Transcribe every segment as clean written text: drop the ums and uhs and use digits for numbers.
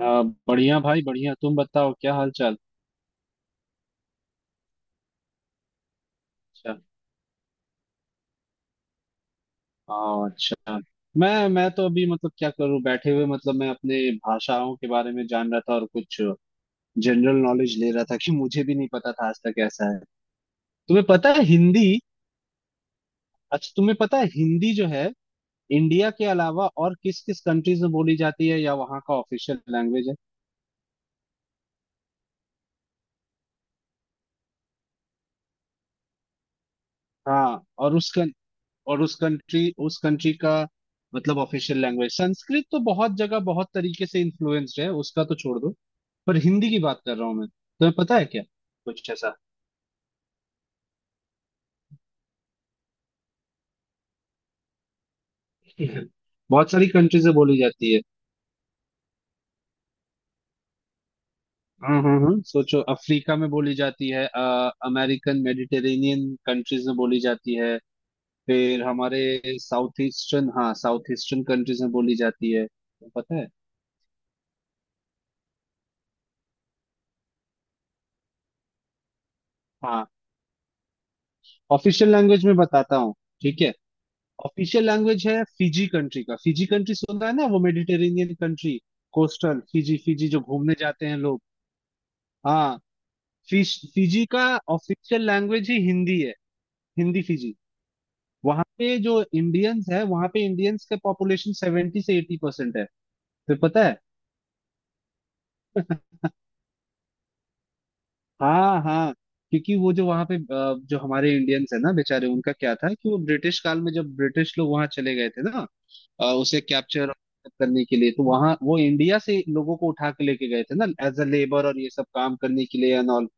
अ, बढ़िया भाई बढ़िया। तुम बताओ क्या हाल चाल। अच्छा। हाँ, अच्छा। मैं तो अभी मतलब क्या करूँ बैठे हुए, मतलब मैं अपने भाषाओं के बारे में जान रहा था और कुछ जनरल नॉलेज ले रहा था कि मुझे भी नहीं पता था आज तक ऐसा है। तुम्हें पता है हिंदी? अच्छा, तुम्हें पता है हिंदी जो है इंडिया के अलावा और किस किस कंट्रीज में बोली जाती है या वहाँ का ऑफिशियल लैंग्वेज है? हाँ, और उसका, और उस कंट्री, उस कंट्री का मतलब ऑफिशियल लैंग्वेज? संस्कृत तो बहुत जगह बहुत तरीके से इन्फ्लुएंस्ड है, उसका तो छोड़ दो। पर हिंदी की बात कर रहा हूँ मैं, तुम्हें पता है क्या कुछ ऐसा? बहुत सारी कंट्रीज में बोली जाती है। हाँ हाँ हाँ, सोचो, अफ्रीका में बोली जाती है, अमेरिकन मेडिटेरेनियन कंट्रीज में बोली जाती है, फिर हमारे साउथ ईस्टर्न, हाँ साउथ ईस्टर्न कंट्रीज में बोली जाती है, पता है? हाँ, ऑफिशियल लैंग्वेज में बताता हूँ। ठीक है, ऑफिशियल लैंग्वेज है फिजी कंट्री का। फिजी कंट्री सुना है ना, वो Mediterranean country, coastal Fiji, Fiji जो घूमने जाते हैं लोग। हाँ, फिश फिजी का ऑफिशियल लैंग्वेज ही हिंदी है, हिंदी फिजी। वहां पे जो इंडियंस है, वहां पे इंडियंस का पॉपुलेशन 70 से 80% है, तो पता है। हाँ हाँ, क्योंकि वो जो वहां पे जो हमारे इंडियंस है ना बेचारे, उनका क्या था कि वो ब्रिटिश काल में जब ब्रिटिश लोग वहां चले गए थे ना, उसे कैप्चर करने के लिए तो वहां वो इंडिया से लोगों को उठा के लेके गए थे ना, एज अ लेबर और ये सब काम करने के लिए एंड ऑल।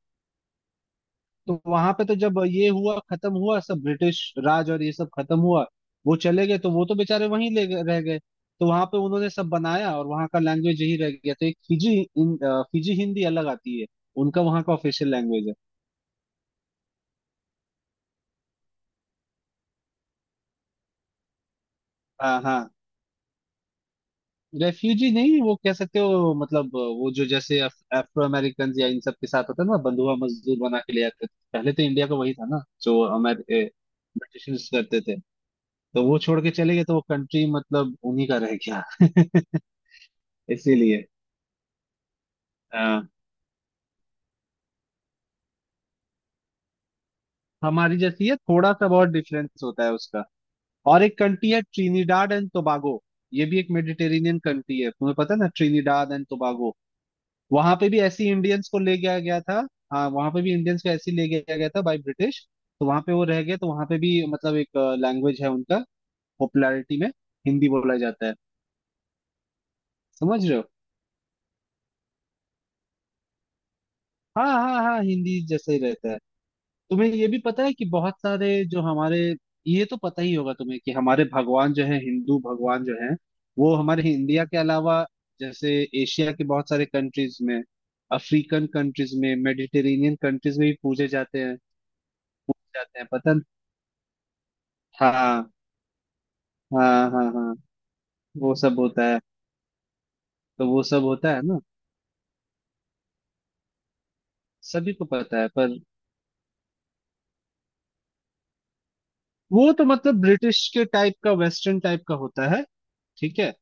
तो वहां पे तो जब ये हुआ, खत्म हुआ सब, ब्रिटिश राज और ये सब खत्म हुआ, वो चले गए, तो वो तो बेचारे रह गए। तो वहां पे उन्होंने सब बनाया और वहां का लैंग्वेज यही रह गया, तो एक फिजी हिंदी अलग आती है, उनका वहां का ऑफिशियल लैंग्वेज है। हाँ हाँ, रेफ्यूजी नहीं वो कह सकते हो, मतलब वो जो जैसे अफ्रो अमेरिकन या इन सब के साथ होता है ना, बंधुआ मजदूर बना के ले आते थे पहले, तो इंडिया का वही था ना जो अमेर ब्रिटिशर्स करते थे। तो वो छोड़ के चले गए, तो वो कंट्री मतलब उन्हीं का रह गया। इसीलिए। हाँ, हमारी जैसी है, थोड़ा सा बहुत डिफरेंस होता है उसका। और एक कंट्री है ट्रिनिडाड एंड टोबागो, ये भी एक मेडिटेरेनियन कंट्री है, तुम्हें पता है ना ट्रिनिडाड एंड टोबागो? वहां पे भी ऐसी इंडियंस को ले गया गया था। हाँ, वहां पे भी इंडियंस को ऐसी ले गया गया था बाय ब्रिटिश, तो वहां पे वो रह गए, तो वहां पे भी मतलब एक लैंग्वेज है उनका, पॉपुलैरिटी में हिंदी बोला जाता है, समझ रहे हो? हाँ हाँ हाँ, हिंदी जैसा ही रहता है। तुम्हें ये भी पता है कि बहुत सारे जो हमारे, ये तो पता ही होगा तुम्हें, कि हमारे भगवान जो है, हिंदू भगवान जो है, वो हमारे इंडिया के अलावा जैसे एशिया के बहुत सारे कंट्रीज में, अफ्रीकन कंट्रीज में, मेडिटेरेनियन कंट्रीज में भी पूजे जाते हैं। पूजे जाते हैं, पता? हाँ हाँ हाँ हाँ, वो सब होता है, तो वो सब होता है ना। सभी को पता है, पर वो तो मतलब ब्रिटिश के टाइप का वेस्टर्न टाइप का होता है, ठीक है।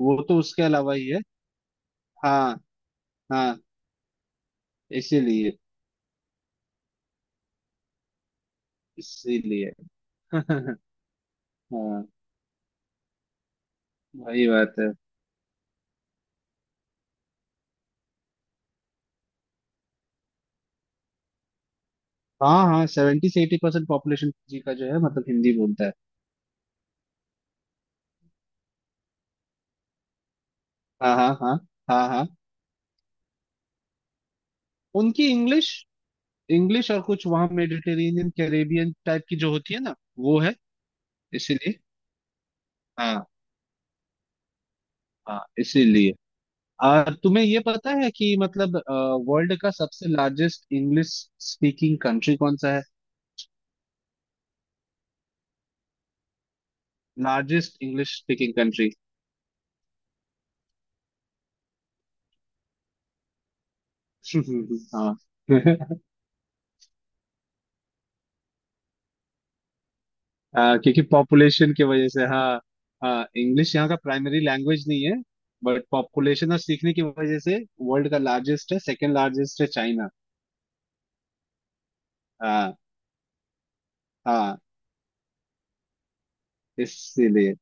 वो तो उसके अलावा ही है। हाँ हाँ। इसीलिए। इसीलिए। हाँ, वही बात है। हाँ हाँ, 70 से 80% पॉपुलेशन जी का जो है, मतलब हिंदी बोलता है। हाँ हाँ हाँ हाँ हाँ, उनकी इंग्लिश, इंग्लिश और कुछ वहाँ मेडिटेरेनियन कैरेबियन टाइप की जो होती है ना, वो है। इसीलिए। हाँ हाँ, इसीलिए। तुम्हें ये पता है कि मतलब वर्ल्ड का सबसे लार्जेस्ट इंग्लिश स्पीकिंग कंट्री कौन सा है? Largest English speaking country. हाँ। क्योंकि पॉपुलेशन की वजह से, हाँ। हाँ, इंग्लिश यहाँ का प्राइमरी लैंग्वेज नहीं है, बट पॉपुलेशन और सीखने की वजह से वर्ल्ड का लार्जेस्ट है। सेकंड लार्जेस्ट है चाइना। हाँ हाँ। इसीलिए।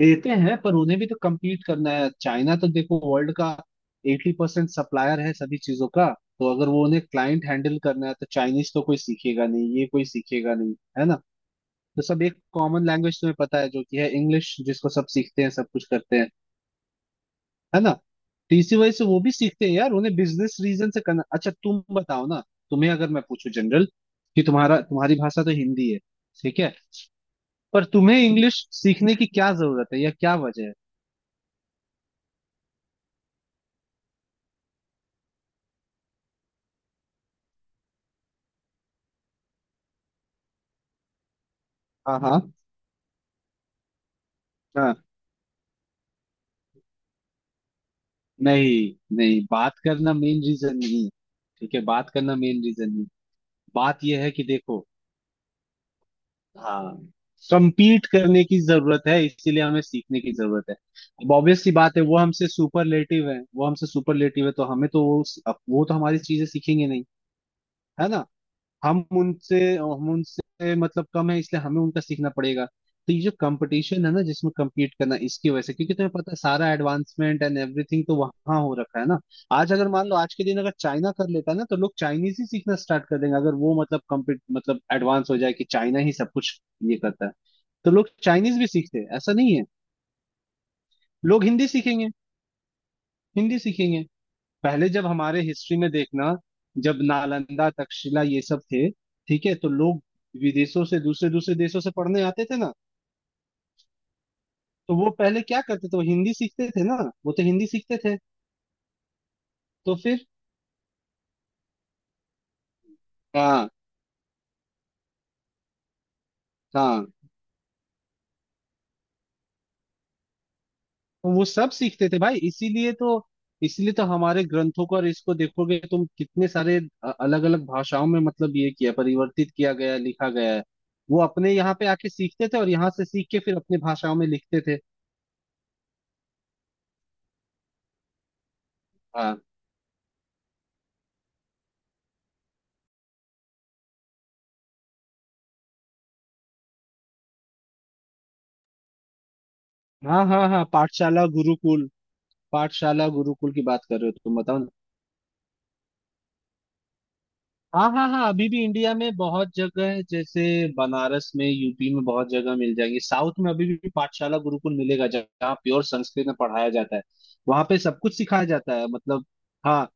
देते हैं, पर उन्हें भी तो compete करना है। चाइना तो देखो वर्ल्ड का 80% सप्लायर है सभी चीजों का, तो अगर वो उन्हें क्लाइंट हैंडल करना है तो चाइनीज तो कोई सीखेगा नहीं, ये कोई सीखेगा नहीं, है ना। तो सब एक कॉमन लैंग्वेज, तुम्हें पता है, जो कि है इंग्लिश, जिसको सब सीखते हैं, सब कुछ करते हैं, है ना। तो इसी वजह से वो भी सीखते हैं यार, उन्हें बिजनेस रीजन से करना। अच्छा तुम बताओ ना, तुम्हें अगर मैं पूछूं जनरल, कि तुम्हारा, तुम्हारी भाषा तो हिंदी है, ठीक है, पर तुम्हें इंग्लिश सीखने की क्या जरूरत है या क्या वजह है? हाँ हाँ, नहीं नहीं, बात करना मेन रीजन नहीं है, ठीक है, बात करना मेन रीजन नहीं। बात यह है कि देखो, हाँ, कंपीट करने की जरूरत है इसीलिए हमें सीखने की जरूरत है। अब ऑब्वियस सी बात है, वो हमसे सुपरलेटिव है, वो हमसे सुपरलेटिव है, तो हमें तो वो तो हमारी चीजें सीखेंगे नहीं, है ना। हम उनसे मतलब कम है, इसलिए हमें उनका सीखना पड़ेगा। तो ये जो कंपटीशन है ना, जिसमें compete करना, इसकी वजह से, क्योंकि तुम्हें पता है सारा एडवांसमेंट एंड एवरीथिंग तो वहां हो रखा है ना। आज अगर मान लो, आज के दिन अगर चाइना कर लेता है ना, तो लोग चाइनीज ही सीखना स्टार्ट कर देंगे, अगर वो मतलब कम्पीट, मतलब एडवांस हो जाए कि चाइना ही सब कुछ ये करता है। तो लोग चाइनीज भी सीखते हैं, ऐसा नहीं है। लोग हिंदी सीखेंगे, हिंदी सीखेंगे। पहले जब हमारे हिस्ट्री में देखना, जब नालंदा तक्षशिला ये सब थे, ठीक है, तो लोग विदेशों से दूसरे दूसरे देशों से पढ़ने आते थे ना, तो वो पहले क्या करते थे, वो हिंदी सीखते थे ना, वो तो हिंदी सीखते थे। तो फिर, हाँ हाँ, तो वो सब सीखते थे भाई, इसीलिए तो, इसलिए तो हमारे ग्रंथों को और इसको देखोगे तुम कितने सारे अलग अलग भाषाओं में, मतलब ये किया, परिवर्तित किया गया, लिखा गया है। वो अपने यहाँ पे आके सीखते थे और यहाँ से सीख के फिर अपनी भाषाओं में लिखते थे। हाँ हाँ हाँ, हाँ पाठशाला गुरुकुल, पाठशाला गुरुकुल की बात कर रहे हो, तुम बताओ ना। हाँ हाँ हाँ, अभी भी इंडिया में बहुत जगह है, जैसे बनारस में, यूपी में बहुत जगह मिल जाएंगे, साउथ में अभी भी पाठशाला गुरुकुल मिलेगा जहाँ प्योर संस्कृत में पढ़ाया जाता है। वहाँ पे सब कुछ सिखाया जाता है, मतलब, हाँ,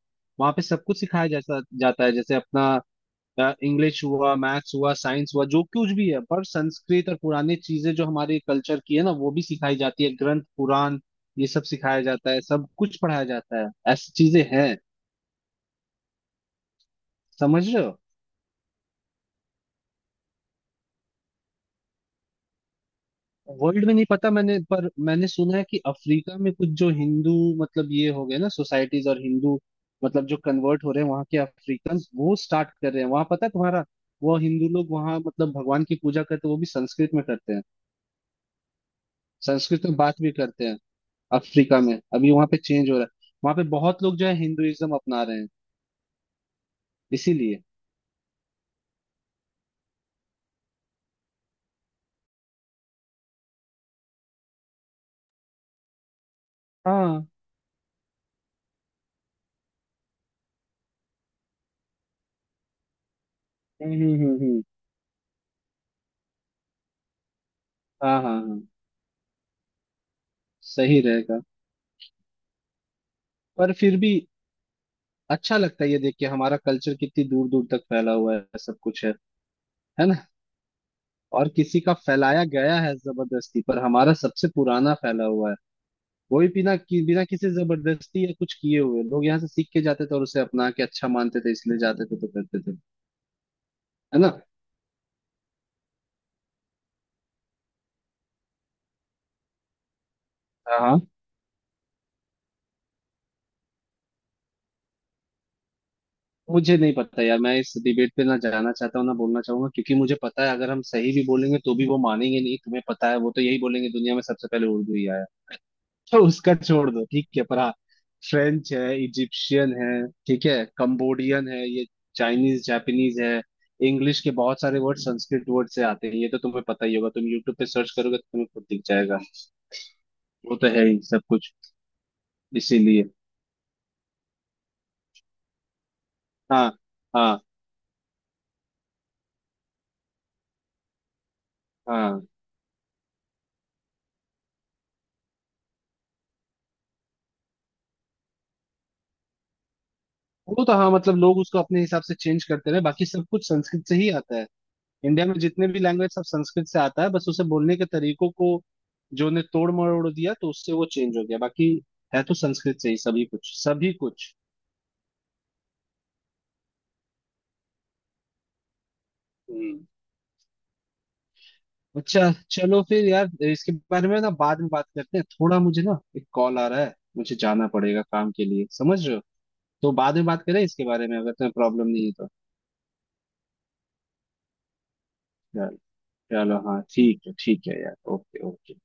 वहाँ पे सब कुछ सिखाया जाता जाता है, जैसे अपना इंग्लिश हुआ, मैथ्स हुआ, साइंस हुआ, जो कुछ भी है, पर संस्कृत और पुरानी चीजें जो हमारे कल्चर की है ना, वो भी सिखाई जाती है, ग्रंथ पुराण ये सब सिखाया जाता है, सब कुछ पढ़ाया जाता है ऐसी चीजें हैं। समझ रहे हो? वर्ल्ड में नहीं पता मैंने, पर मैंने सुना है कि अफ्रीका में कुछ जो हिंदू, मतलब ये हो गए ना सोसाइटीज, और हिंदू मतलब जो कन्वर्ट हो रहे हैं वहां के अफ्रीकन, वो स्टार्ट कर रहे हैं वहां, पता है तुम्हारा। वो हिंदू लोग वहां मतलब भगवान की पूजा करते हैं वो भी संस्कृत में करते हैं, संस्कृत में बात भी करते हैं। अफ्रीका में अभी वहां पे चेंज हो रहा है, वहां पे बहुत लोग जो है हिंदुइज्म अपना रहे हैं। इसीलिए। हाँ। हम्म हम्म हम्म हम्म। हाँ हाँ हाँ, सही रहेगा। पर फिर भी अच्छा लगता है ये देख के, हमारा कल्चर कितनी दूर दूर तक फैला हुआ है, सब कुछ है ना। और किसी का फैलाया गया है जबरदस्ती, पर हमारा सबसे पुराना फैला हुआ है। वही, बिना किसी जबरदस्ती या कुछ किए हुए लोग यहाँ से सीख के जाते थे, और उसे अपना के अच्छा मानते थे इसलिए जाते थे, तो करते थे, है ना। हाँ, मुझे नहीं पता यार, मैं इस डिबेट पे ना जाना चाहता हूँ ना बोलना चाहूंगा, क्योंकि मुझे पता है अगर हम सही भी बोलेंगे तो भी वो मानेंगे नहीं। तुम्हें पता है, वो तो यही बोलेंगे दुनिया में सबसे पहले उर्दू ही आया है। तो उसका छोड़ दो, ठीक है, पर हाँ, फ्रेंच है, इजिप्शियन है, ठीक है, कंबोडियन है, ये चाइनीज जापानीज है, इंग्लिश के बहुत सारे वर्ड संस्कृत वर्ड से आते हैं, ये तो तुम्हें पता ही होगा, तुम यूट्यूब पे सर्च करोगे तो तुम्हें खुद दिख जाएगा। वो तो है ही सब कुछ। इसीलिए। हाँ हाँ हाँ, वो तो, हाँ मतलब लोग उसको अपने हिसाब से चेंज करते रहे, बाकी सब कुछ संस्कृत से ही आता है। इंडिया में जितने भी लैंग्वेज सब संस्कृत से आता है, बस उसे बोलने के तरीकों को जो ने तोड़ मरोड़ दिया तो उससे वो चेंज हो गया, बाकी है तो संस्कृत से ही, सभी कुछ, सभी कुछ। हम्म। अच्छा चलो फिर यार, इसके बारे में ना बाद में बात करते हैं, थोड़ा मुझे ना एक कॉल आ रहा है, मुझे जाना पड़ेगा काम के लिए, समझ रहे हो। तो बाद में बात करें इसके बारे में, अगर तुम्हें प्रॉब्लम नहीं है तो। चल- चलो हाँ, ठीक है यार, ओके ओके।